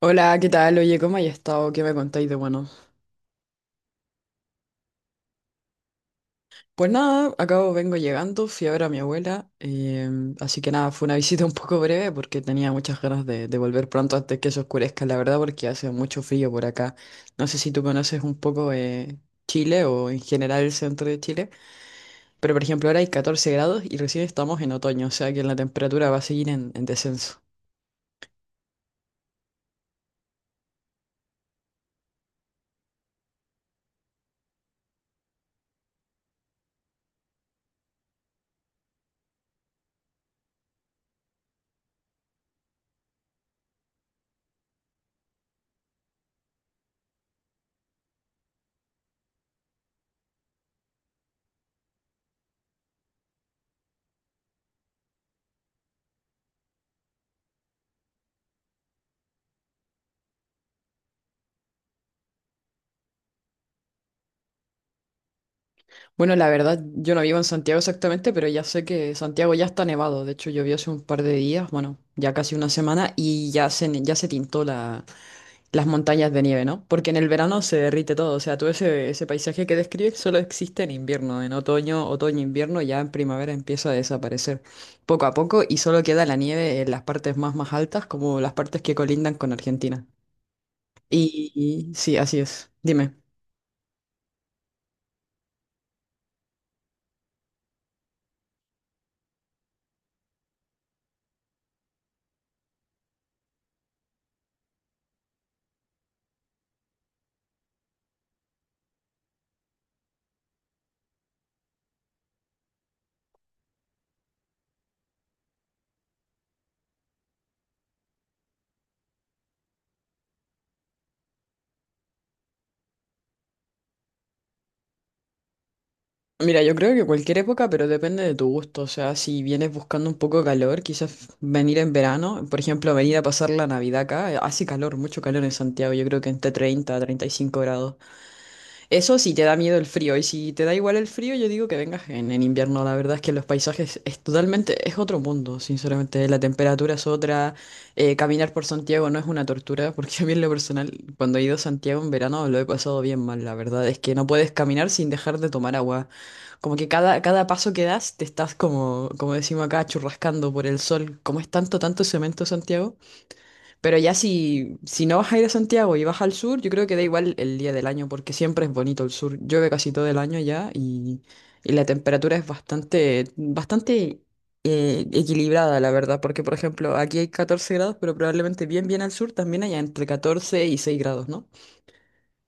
Hola, ¿qué tal? Oye, ¿cómo hay estado? ¿Qué me contáis de bueno? Pues nada, acabo, vengo llegando, fui a ver a mi abuela, así que nada, fue una visita un poco breve porque tenía muchas ganas de volver pronto antes que se oscurezca, la verdad, porque hace mucho frío por acá. No sé si tú conoces un poco Chile o en general el centro de Chile, pero por ejemplo ahora hay 14 grados y recién estamos en otoño, o sea que la temperatura va a seguir en descenso. Bueno, la verdad, yo no vivo en Santiago exactamente, pero ya sé que Santiago ya está nevado. De hecho, llovió hace un par de días, bueno, ya casi una semana, y ya se, ya se tintó la, las montañas de nieve, ¿no? Porque en el verano se derrite todo. O sea, todo ese paisaje que describes solo existe en invierno. En otoño, otoño, invierno, ya en primavera empieza a desaparecer poco a poco y solo queda la nieve en las partes más, más altas, como las partes que colindan con Argentina. Y, y sí, así es. Dime. Mira, yo creo que cualquier época, pero depende de tu gusto. O sea, si vienes buscando un poco de calor, quizás venir en verano, por ejemplo, venir a pasar la Navidad acá, hace calor, mucho calor en Santiago, yo creo que entre 30 a 35 grados. Eso sí te da miedo el frío, y si te da igual el frío, yo digo que vengas en invierno. La verdad es que los paisajes es totalmente, es otro mundo, sinceramente. La temperatura es otra, caminar por Santiago no es una tortura, porque a mí en lo personal, cuando he ido a Santiago en verano lo he pasado bien mal. La verdad es que no puedes caminar sin dejar de tomar agua. Como que cada, cada paso que das te estás como, como decimos acá, churrascando por el sol. Como es tanto, tanto cemento Santiago. Pero ya si, si no vas a ir a Santiago y vas al sur, yo creo que da igual el día del año, porque siempre es bonito el sur. Llueve casi todo el año ya y la temperatura es bastante, bastante equilibrada, la verdad, porque por ejemplo aquí hay 14 grados, pero probablemente bien, bien al sur también haya entre 14 y 6 grados, ¿no?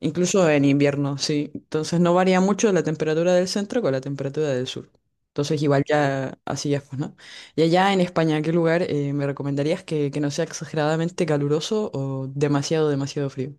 Incluso en invierno, sí. Entonces no varía mucho la temperatura del centro con la temperatura del sur. Entonces igual ya así ya pues, ¿no? Y allá en España, ¿qué lugar me recomendarías que no sea exageradamente caluroso o demasiado, demasiado frío?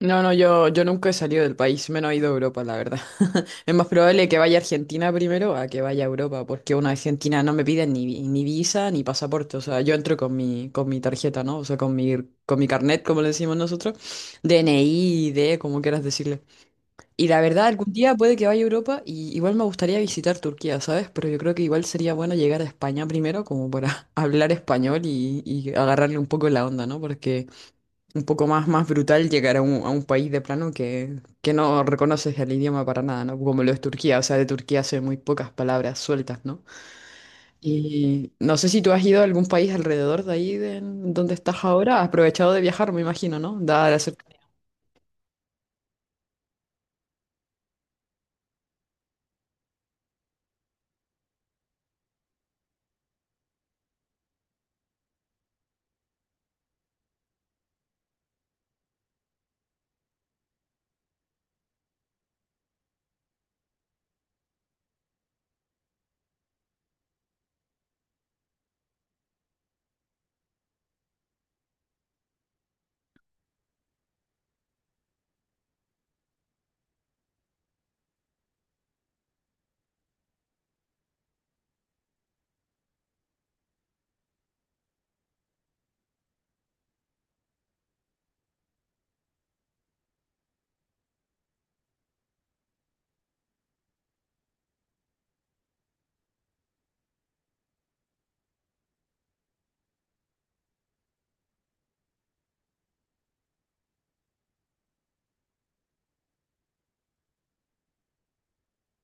No, no, yo nunca he salido del país, menos he ido a Europa, la verdad. Es más probable que vaya a Argentina primero a que vaya a Europa, porque una Argentina no me piden ni, ni visa ni pasaporte. O sea, yo entro con mi tarjeta, ¿no? O sea, con mi carnet, como le decimos nosotros, DNI, ID, como quieras decirle. Y la verdad, algún día puede que vaya a Europa y igual me gustaría visitar Turquía, ¿sabes? Pero yo creo que igual sería bueno llegar a España primero, como para hablar español y agarrarle un poco la onda, ¿no? Porque un poco más, más brutal llegar a un país de plano que no reconoces el idioma para nada, ¿no? Como lo es Turquía, o sea, de Turquía sé muy pocas palabras sueltas, ¿no? Y no sé si tú has ido a algún país alrededor de ahí, de en donde estás ahora, has aprovechado de viajar, me imagino, ¿no? Dada la cercanía.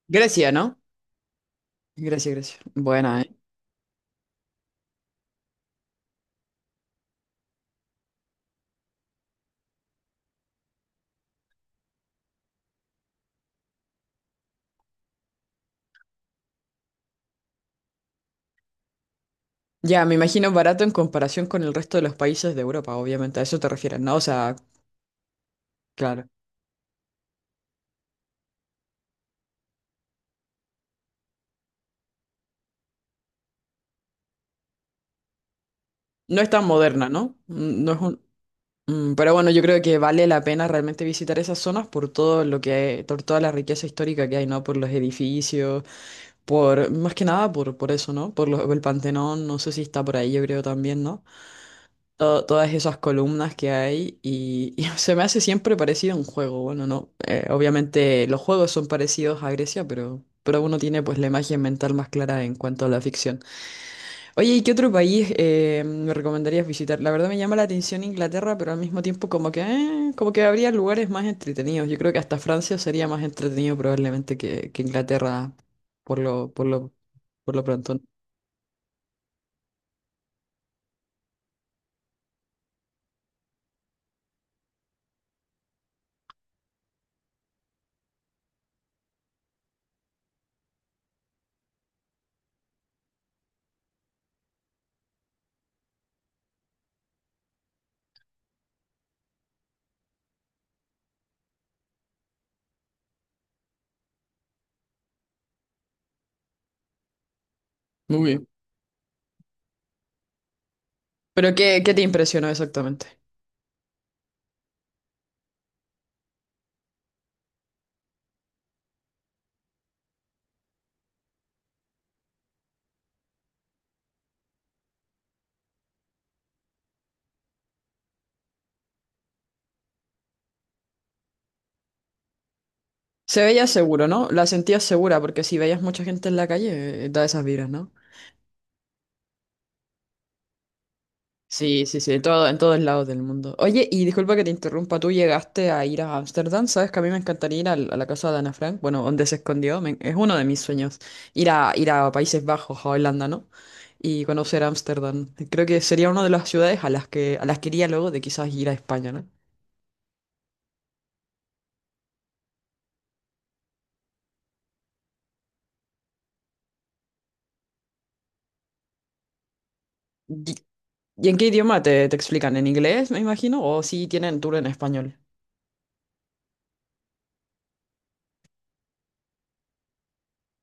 Grecia, ¿no? Grecia, Grecia. Buena, ¿eh? Ya, me imagino barato en comparación con el resto de los países de Europa, obviamente, a eso te refieres, ¿no? O sea, claro. No es tan moderna, ¿no? No es un... Mm, pero bueno, yo creo que vale la pena realmente visitar esas zonas por todo lo que por toda la riqueza histórica que hay, ¿no? Por los edificios, por, más que nada por, por eso, ¿no? El Pantenón, no sé si está por ahí, yo creo también, ¿no? Todas esas columnas que hay y se me hace siempre parecido a un juego, bueno, ¿no? Obviamente los juegos son parecidos a Grecia, pero uno tiene pues la imagen mental más clara en cuanto a la ficción. Oye, ¿y qué otro país me recomendarías visitar? La verdad me llama la atención Inglaterra, pero al mismo tiempo como que habría lugares más entretenidos. Yo creo que hasta Francia sería más entretenido probablemente que Inglaterra por lo, por lo, por lo pronto. Muy bien. Pero ¿qué, qué te impresionó exactamente? Se veía seguro, ¿no? La sentías segura, porque si veías mucha gente en la calle, da esas vibras, ¿no? Sí, sí, sí, en todo, en todos lados del mundo. Oye, y disculpa que te interrumpa, tú llegaste a ir a Ámsterdam, ¿sabes que a mí me encantaría ir a la casa de Ana Frank? Bueno, donde se escondió, es uno de mis sueños, ir a, ir a Países Bajos, a Holanda, ¿no? Y conocer Ámsterdam. Creo que sería una de las ciudades a las que iría luego de quizás ir a España, ¿no? ¿Y, y en qué idioma te, te explican? ¿En inglés, me imagino? ¿O si tienen tour en español?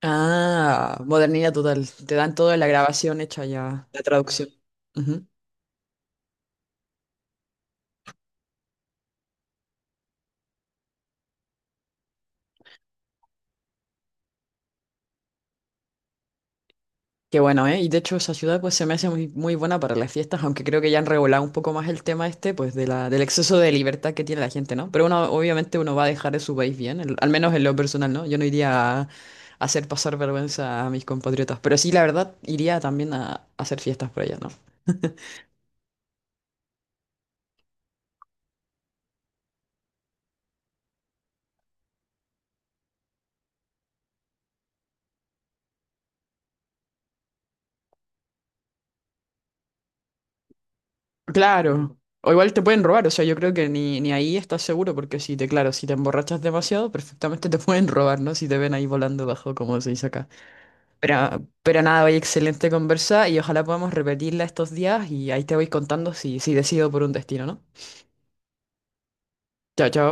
Ah, modernidad total, te dan toda la grabación hecha ya, la traducción. Qué bueno, ¿eh? Y de hecho esa ciudad pues se me hace muy, muy buena para las fiestas, aunque creo que ya han regulado un poco más el tema este, pues de la, del exceso de libertad que tiene la gente, ¿no? Pero uno, obviamente uno va a dejar de su país bien, al menos en lo personal, ¿no? Yo no iría a hacer pasar vergüenza a mis compatriotas, pero sí, la verdad, iría también a hacer fiestas por allá, ¿no? Claro. O igual te pueden robar, o sea, yo creo que ni, ni ahí estás seguro, porque si te, claro, si te emborrachas demasiado, perfectamente te pueden robar, ¿no? Si te ven ahí volando bajo, como se dice acá. Pero nada, oye, excelente conversa y ojalá podamos repetirla estos días y ahí te voy contando si, si decido por un destino, ¿no? Chao, chao.